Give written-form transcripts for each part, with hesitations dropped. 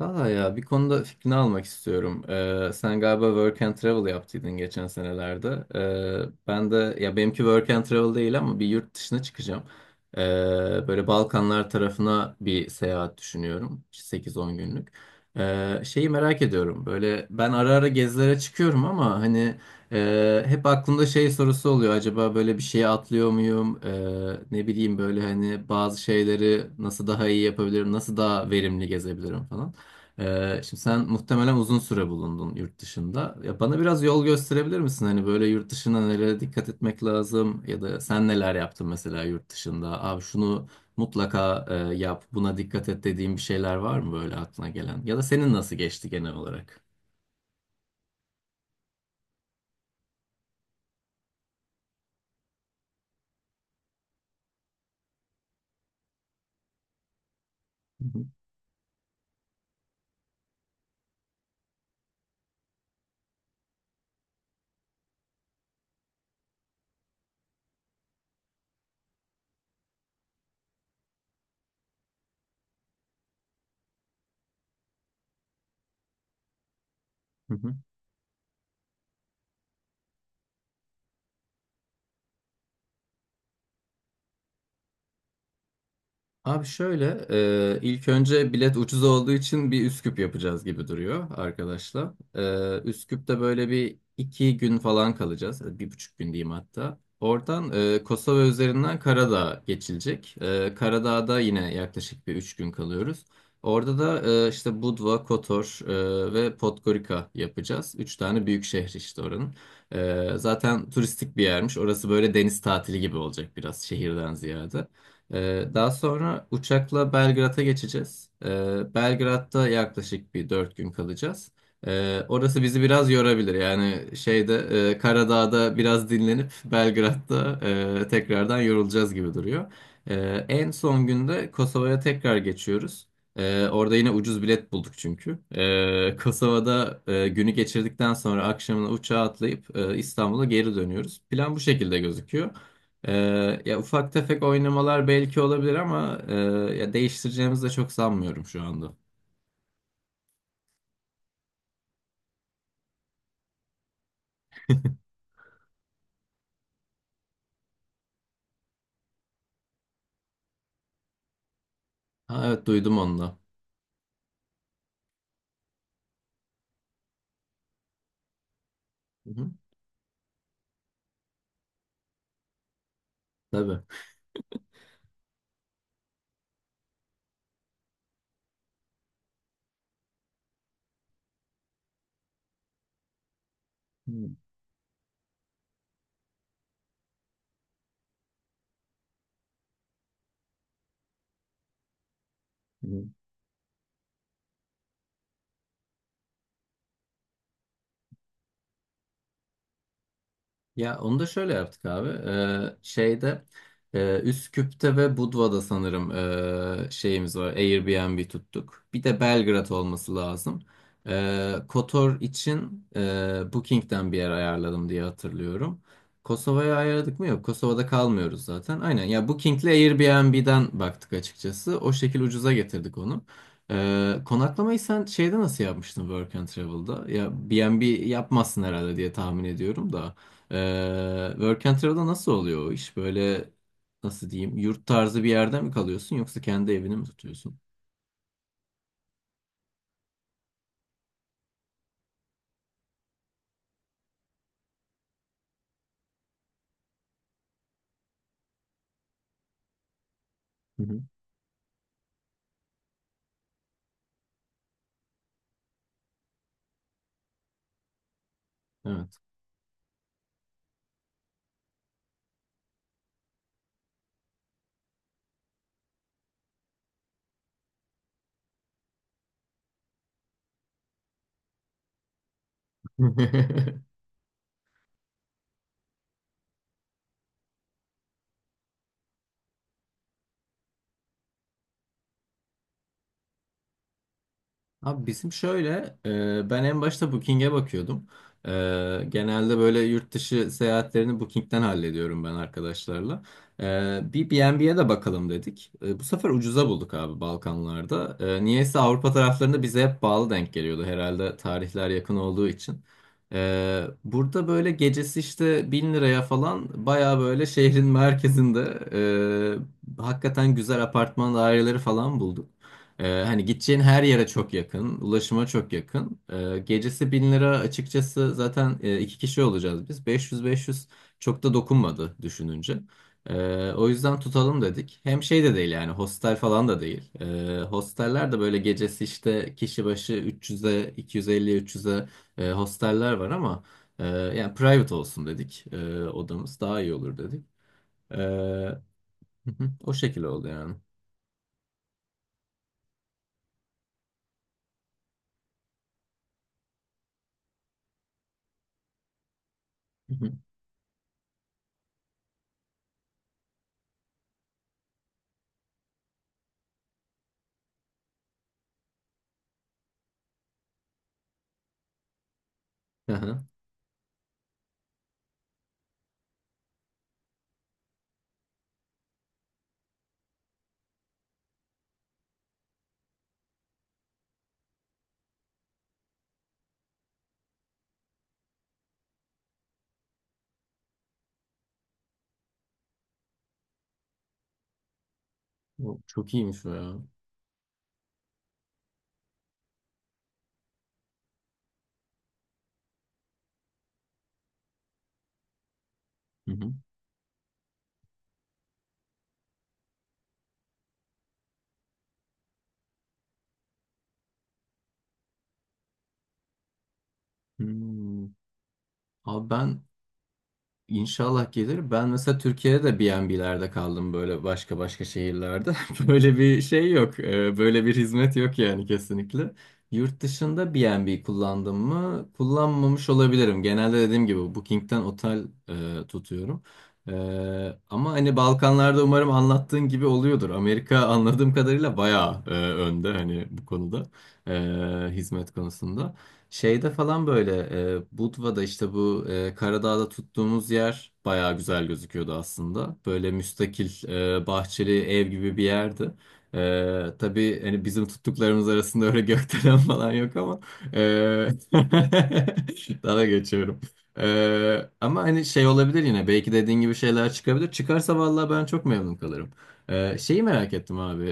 Valla ya bir konuda fikrini almak istiyorum. Sen galiba work and travel yaptıydın geçen senelerde. Ben de ya benimki work and travel değil ama bir yurt dışına çıkacağım. Ee, böyle Balkanlar tarafına bir seyahat düşünüyorum. 8-10 günlük. Şeyi merak ediyorum. Böyle ben ara ara gezilere çıkıyorum ama hani hep aklımda şey sorusu oluyor. Acaba böyle bir şey atlıyor muyum? Ne bileyim böyle hani bazı şeyleri nasıl daha iyi yapabilirim? Nasıl daha verimli gezebilirim falan. Şimdi sen muhtemelen uzun süre bulundun yurt dışında. Ya bana biraz yol gösterebilir misin? Hani böyle yurt dışına nelere dikkat etmek lazım ya da sen neler yaptın mesela yurt dışında? Abi şunu mutlaka yap, buna dikkat et dediğin bir şeyler var mı böyle aklına gelen? Ya da senin nasıl geçti genel olarak? Hı hı. Hı hı. Abi şöyle, ilk önce bilet ucuz olduğu için bir Üsküp yapacağız gibi duruyor arkadaşlar. Üsküp'te böyle bir iki gün falan kalacağız, 1,5 gün diyeyim hatta. Oradan Kosova üzerinden Karadağ geçilecek. Karadağ'da yine yaklaşık bir 3 gün kalıyoruz. Orada da işte Budva, Kotor ve Podgorica yapacağız. Üç tane büyük şehir işte oranın. Zaten turistik bir yermiş. Orası böyle deniz tatili gibi olacak biraz şehirden ziyade. Daha sonra uçakla Belgrad'a geçeceğiz. Belgrad'da yaklaşık bir 4 gün kalacağız. Orası bizi biraz yorabilir. Yani şeyde Karadağ'da biraz dinlenip Belgrad'da tekrardan yorulacağız gibi duruyor. En son günde Kosova'ya tekrar geçiyoruz. Orada yine ucuz bilet bulduk çünkü. Kosova'da günü geçirdikten sonra akşamına uçağa atlayıp İstanbul'a geri dönüyoruz. Plan bu şekilde gözüküyor. Ya ufak tefek oynamalar belki olabilir ama ya değiştireceğimizi de çok sanmıyorum şu anda. Ha, evet duydum onu da. Hı hı, tabii. Hmm. Ya onu da şöyle yaptık abi. Şeyde Üsküp'te ve Budva'da sanırım şeyimiz var. Airbnb tuttuk. Bir de Belgrad olması lazım. Kotor için Booking'den bir yer ayarladım diye hatırlıyorum. Kosova'ya ayarladık mı? Yok. Kosova'da kalmıyoruz zaten. Aynen. Ya Booking'le Airbnb'den baktık açıkçası. O şekil ucuza getirdik onu. Konaklamayı sen şeyde nasıl yapmıştın Work and Travel'da? Ya B&B yapmazsın herhalde diye tahmin ediyorum da. Work and travel'da nasıl oluyor o iş? Böyle nasıl diyeyim? Yurt tarzı bir yerde mi kalıyorsun yoksa kendi evini mi tutuyorsun? Hı hı. Evet. Abi bizim şöyle, ben en başta Booking'e bakıyordum. E, genelde böyle yurt dışı seyahatlerini Booking'den hallediyorum ben arkadaşlarla. Bir B&B'ye de bakalım dedik. Bu sefer ucuza bulduk abi Balkanlarda. Niyeyse Avrupa taraflarında bize hep pahalı denk geliyordu herhalde tarihler yakın olduğu için. Burada böyle gecesi işte 1.000 liraya falan baya böyle şehrin merkezinde hakikaten güzel apartman daireleri falan bulduk. Hani gideceğin her yere çok yakın, ulaşıma çok yakın. Gecesi 1.000 lira açıkçası zaten iki kişi olacağız biz. Beş yüz beş yüz çok da dokunmadı düşününce. O yüzden tutalım dedik. Hem şey de değil yani hostel falan da değil. Hosteller de böyle gecesi işte kişi başı 300'e, 250-300'e hosteller var ama yani private olsun dedik. Odamız daha iyi olur dedik. Hı hı, o şekilde oldu yani. Hı hı. Aha. O çok iyiymiş o ya. Hı hı. Hmm. Abi ben inşallah gelir. Ben mesela Türkiye'de B&B'lerde kaldım böyle başka başka şehirlerde. Böyle bir şey yok. Böyle bir hizmet yok yani kesinlikle. Yurt dışında B&B kullandım mı? Kullanmamış olabilirim. Genelde dediğim gibi Booking'ten otel tutuyorum. Ama hani Balkanlarda umarım anlattığın gibi oluyordur. Amerika anladığım kadarıyla bayağı önde hani bu konuda hizmet konusunda. Şeyde falan böyle Budva'da işte bu Karadağ'da tuttuğumuz yer bayağı güzel gözüküyordu aslında. Böyle müstakil bahçeli ev gibi bir yerdi. Tabii hani bizim tuttuklarımız arasında öyle gökdelen falan yok ama e, daha geçiyorum. Ama hani şey olabilir yine belki dediğin gibi şeyler çıkabilir. Çıkarsa vallahi ben çok memnun kalırım. Şeyi merak ettim abi.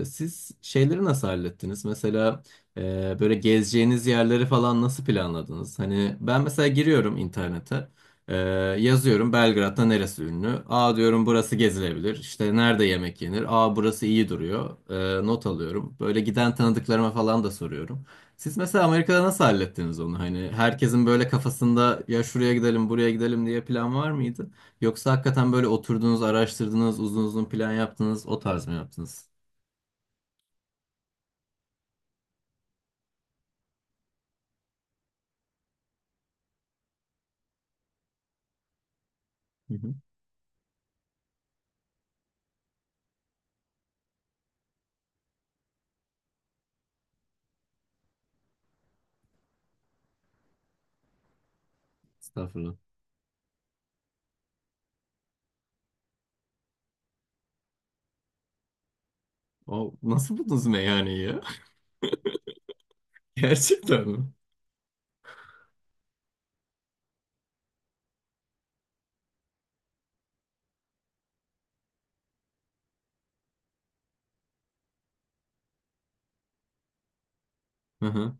Siz şeyleri nasıl hallettiniz? Mesela böyle gezeceğiniz yerleri falan nasıl planladınız? Hani ben mesela giriyorum internete. Ee, yazıyorum Belgrad'da neresi ünlü? Aa diyorum burası gezilebilir. İşte nerede yemek yenir? Aa burası iyi duruyor. Not alıyorum. Böyle giden tanıdıklarıma falan da soruyorum. Siz mesela Amerika'da nasıl hallettiniz onu? Hani herkesin böyle kafasında ya şuraya gidelim buraya gidelim diye plan var mıydı? Yoksa hakikaten böyle oturdunuz, araştırdınız, uzun uzun plan yaptınız, o tarz mı yaptınız? Hı hı. Estağfurullah. O, nasıl buldunuz meyhaneyi? Gerçekten mi? Hı hı.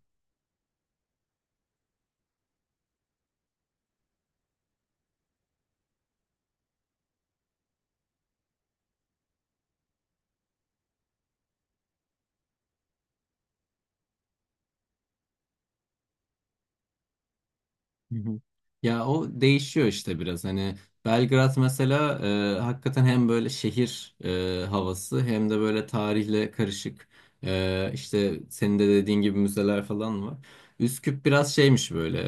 Hı hı. Ya o değişiyor işte biraz hani Belgrad mesela hakikaten hem böyle şehir havası hem de böyle tarihle karışık işte senin de dediğin gibi müzeler falan var. Üsküp biraz şeymiş böyle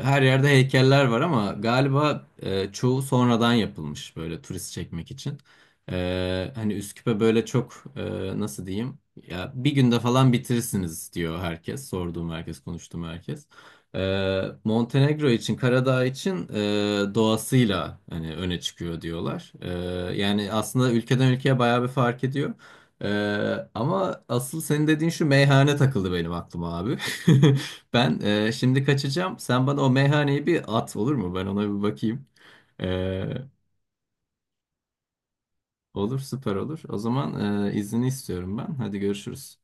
her yerde heykeller var ama galiba çoğu sonradan yapılmış böyle turist çekmek için. Hani Üsküp'e böyle çok nasıl diyeyim ya bir günde falan bitirirsiniz diyor herkes sorduğum herkes konuştuğum herkes. Montenegro için, Karadağ için doğasıyla hani öne çıkıyor diyorlar. Yani aslında ülkeden ülkeye bayağı bir fark ediyor. Ama asıl senin dediğin şu meyhane takıldı benim aklıma abi. Ben şimdi kaçacağım. Sen bana o meyhaneyi bir at olur mu? Ben ona bir bakayım. Ee, olur, süper olur. O zaman izni istiyorum ben. Hadi görüşürüz.